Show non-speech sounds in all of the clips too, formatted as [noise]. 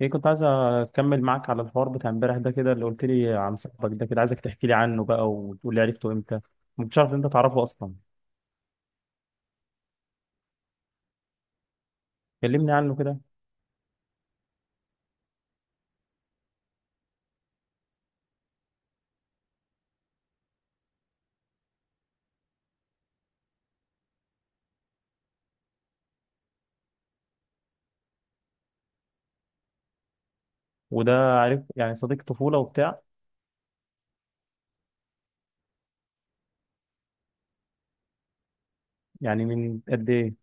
ايه، كنت عايز اكمل معاك على الحوار بتاع امبارح ده، كده اللي قلت لي عن صاحبك ده. كده عايزك تحكي لي عنه بقى وتقول لي عرفته امتى. ما كنتش عارف إن انت تعرفه اصلا. كلمني عنه كده. وده، عارف يعني صديق طفولة وبتاع. يعني من قد ايه؟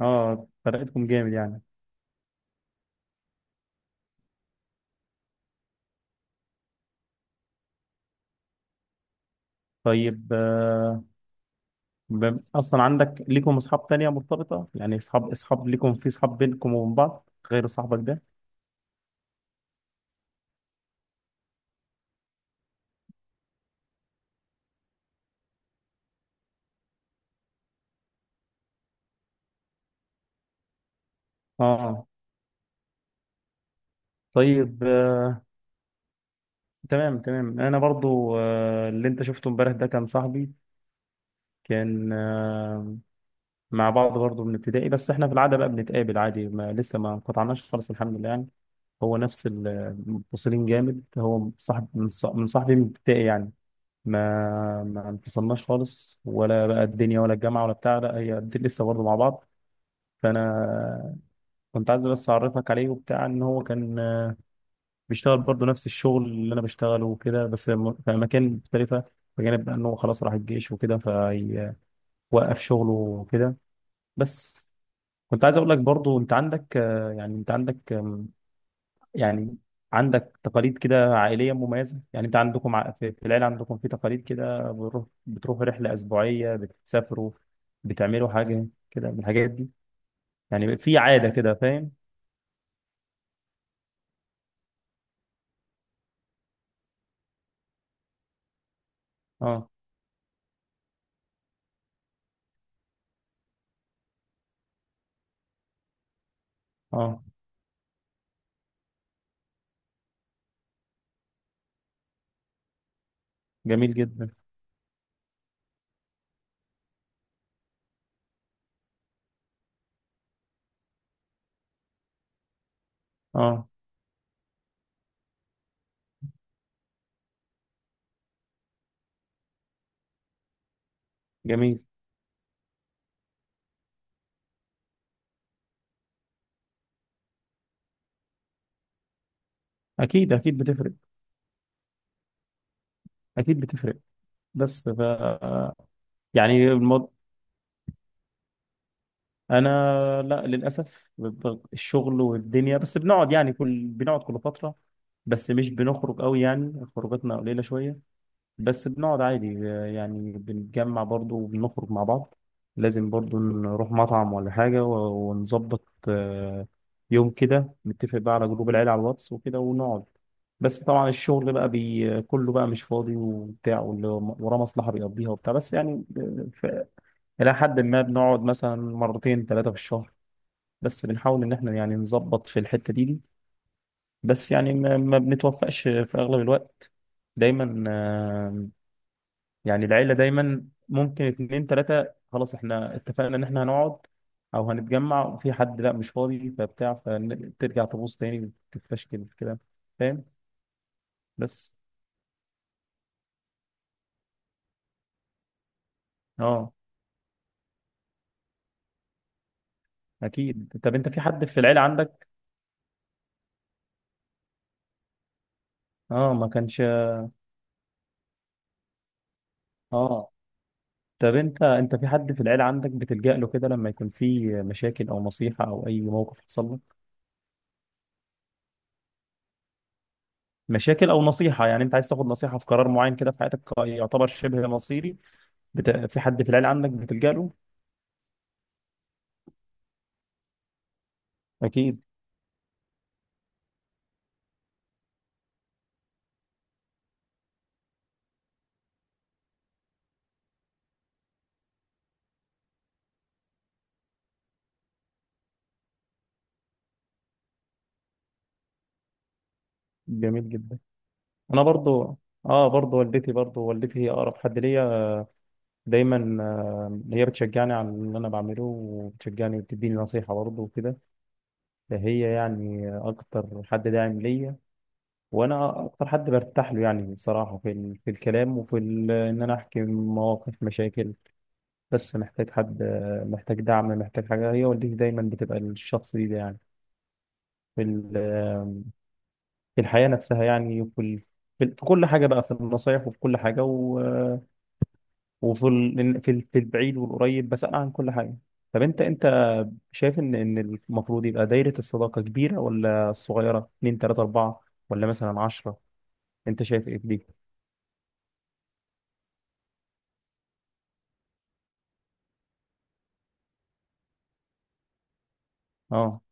اه فرقتكم جامد يعني. طيب، اصلا عندك ليكم اصحاب تانية مرتبطة؟ يعني اصحاب ليكم، في اصحاب بينكم وبين بعض غير صاحبك ده؟ اه. طيب، تمام تمام، انا برضو اللي انت شفته امبارح ده كان صاحبي. كان مع بعض برضه من ابتدائي، بس احنا في العاده بقى بنتقابل عادي، ما لسه ما قطعناش خالص الحمد لله يعني. هو نفس المتصلين جامد، هو صاحب من صاحبي من ابتدائي يعني. ما انفصلناش خالص، ولا بقى الدنيا ولا الجامعه ولا بتاع. لا، هي لسه برضه مع بعض. فانا كنت عايز بس اعرفك عليه وبتاع، ان هو كان بيشتغل برضه نفس الشغل اللي انا بشتغله وكده، بس في اماكن مختلفه، بجانب بقى ان هو خلاص راح الجيش وكده فوقف شغله وكده. بس كنت عايز اقول لك برضو، انت عندك يعني انت عندك يعني عندك تقاليد كده عائليه مميزه. يعني انت عندكم في العيله عندكم في تقاليد كده، بتروح رحله اسبوعيه، بتسافروا، بتعملوا حاجه كده من الحاجات دي، يعني في عاده كده، فاهم؟ اه. اه. جميل جدا. اه. جميل. اكيد اكيد بتفرق، اكيد بتفرق. بس يعني الموضوع، انا لا للاسف، الشغل والدنيا، بس بنقعد يعني بنقعد كل فتره، بس مش بنخرج قوي، يعني خروجاتنا قليلة شوية. بس بنقعد عادي، يعني بنتجمع برضو وبنخرج مع بعض. لازم برضو نروح مطعم ولا حاجة ونظبط آه، يوم كده، نتفق بقى على جروب العيلة على الواتس وكده ونقعد. بس طبعا الشغل بقى بي كله بقى مش فاضي وبتاع، واللي وراه مصلحة بيقضيها وبتاع، بس يعني إلى حد ما بنقعد مثلا مرتين ثلاثة في الشهر. بس بنحاول إن إحنا يعني نظبط في الحتة دي. بس يعني ما بنتوفقش في اغلب الوقت. دايما يعني العيله دايما ممكن اتنين تلاته، خلاص احنا اتفقنا ان احنا هنقعد او هنتجمع، وفي حد لا مش فاضي فبتاع، فترجع تبوظ تاني تتفشكل كده، فاهم؟ بس اه. اكيد، طب انت في حد في العيله عندك؟ اه ما كانش. اه، طب انت في حد في العيله عندك بتلجأ له كده لما يكون في مشاكل او نصيحه او اي موقف حصل لك؟ مشاكل او نصيحه، يعني انت عايز تاخد نصيحه في قرار معين كده في حياتك يعتبر شبه مصيري. في حد في العيله عندك بتلجأ له؟ اكيد. جميل جدا. انا برضو اه، برضو والدتي، برضو والدتي هي اقرب حد ليا. دايما هي بتشجعني على اللي انا بعمله، وبتشجعني وبتديني نصيحه برضو وكده، فهي يعني اكتر حد داعم ليا. وانا اكتر حد برتاح له يعني بصراحه، في في الكلام، وفي ان انا احكي مواقف مشاكل، بس محتاج حد، محتاج دعم، محتاج حاجة، هي والدتي. دايما بتبقى الشخص ده يعني، في في الحياة نفسها يعني، وفي في كل حاجة بقى، في النصايح وفي كل حاجة، وفي في البعيد والقريب بسألها عن كل حاجة. طب انت شايف ان ان المفروض يبقى دايرة الصداقة كبيرة ولا صغيرة، 2 3 4، ولا مثلا 10؟ انت شايف ايه في دي؟ اه.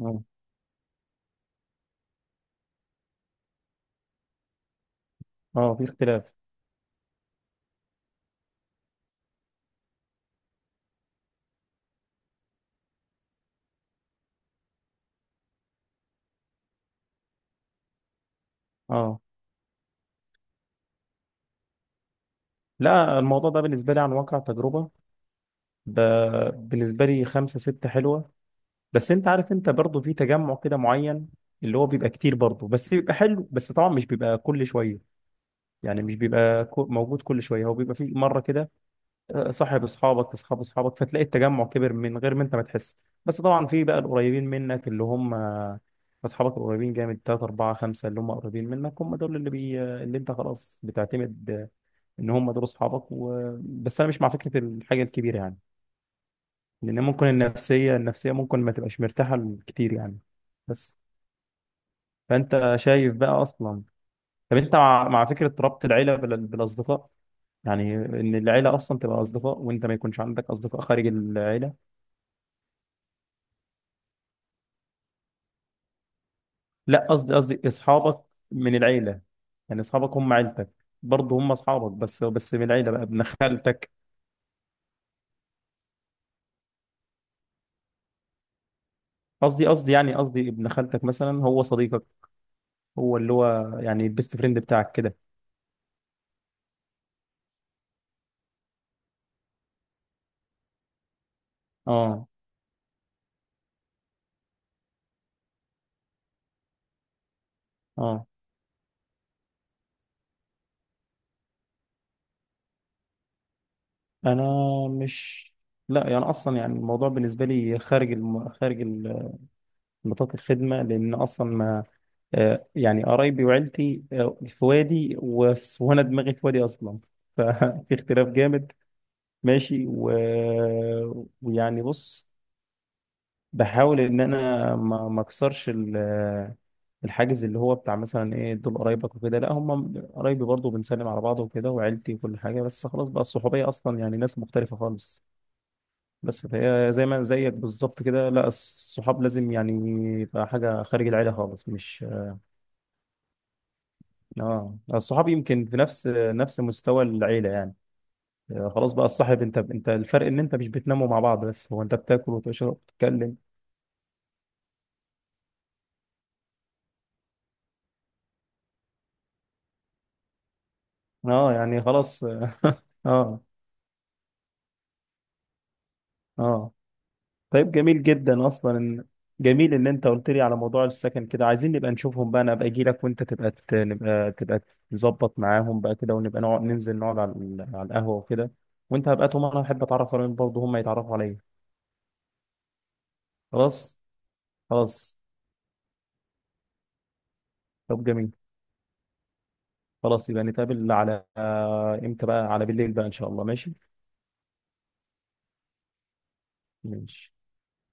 اه. اه، في اختلاف. اه. لا، الموضوع ده بالنسبة لي عن واقع تجربة، بالنسبة لي خمسة ستة حلوة، بس انت عارف، انت برضه في تجمع كده معين اللي هو بيبقى كتير برضه، بس بيبقى حلو. بس طبعا مش بيبقى كل شويه، يعني مش بيبقى موجود كل شويه، هو بيبقى في مره كده، صاحب اصحابك، اصحاب اصحابك، فتلاقي التجمع كبر من غير ما انت ما تحس. بس طبعا في بقى القريبين منك اللي هم اصحابك القريبين جامد، 3 4 5، اللي هم قريبين منك، هم دول اللي بي اللي انت خلاص بتعتمد ان هم دول اصحابك بس انا مش مع فكره الحاجه الكبيره يعني، لان ممكن النفسيه ممكن ما تبقاش مرتاحه كتير يعني. بس فانت شايف بقى اصلا، طب انت مع فكره ربط العيله بالاصدقاء؟ يعني ان العيله اصلا تبقى اصدقاء، وانت ما يكونش عندك اصدقاء خارج العيله؟ لا قصدي، اصحابك من العيله، يعني اصحابك هم عيلتك برضه، هم اصحابك بس، بس من العيله، بقى ابن خالتك. قصدي، يعني ابن خالتك مثلا هو صديقك، هو اللي هو يعني البيست فريند بتاعك كده. اه. اه. انا مش، لا يعني اصلا، يعني الموضوع بالنسبه لي خارج نطاق الخدمه، لان اصلا ما يعني قرايبي وعيلتي في وادي، وانا دماغي في وادي اصلا، ففي [laughs] اختلاف جامد. ماشي ويعني بص، بحاول ان انا ما اكسرش الحاجز اللي هو بتاع مثلا ايه دول قرايبك وكده. لا هم قرايبي برضه، بنسلم على بعض وكده، وعيلتي وكل حاجه، بس خلاص بقى الصحوبيه اصلا يعني ناس مختلفه خالص. بس فهي زي ما زيك بالظبط كده، لا الصحاب لازم يعني يبقى حاجه خارج العيله خالص، مش اه. الصحاب يمكن في نفس مستوى العيله يعني. خلاص بقى الصاحب، انت الفرق ان انت مش بتناموا مع بعض، بس هو انت بتاكل وتشرب وتتكلم. اه يعني خلاص. اه. اه. آه. طيب جميل جدا اصلا ان، جميل ان انت قلت لي على موضوع السكن كده، عايزين نبقى نشوفهم بقى، انا ابقى اجي لك وانت تبقى ت- نبقى تبقى تظبط معاهم بقى كده، ونبقى نقعد ننزل نقعد على على القهوه وكده، وانت هبقى طول ما انا احب اتعرف عليهم، برضه هم يتعرفوا عليا. خلاص. خلاص طب جميل. خلاص يبقى نتقابل على امتى بقى، على بالليل بقى ان شاء الله. ماشي. ماشي.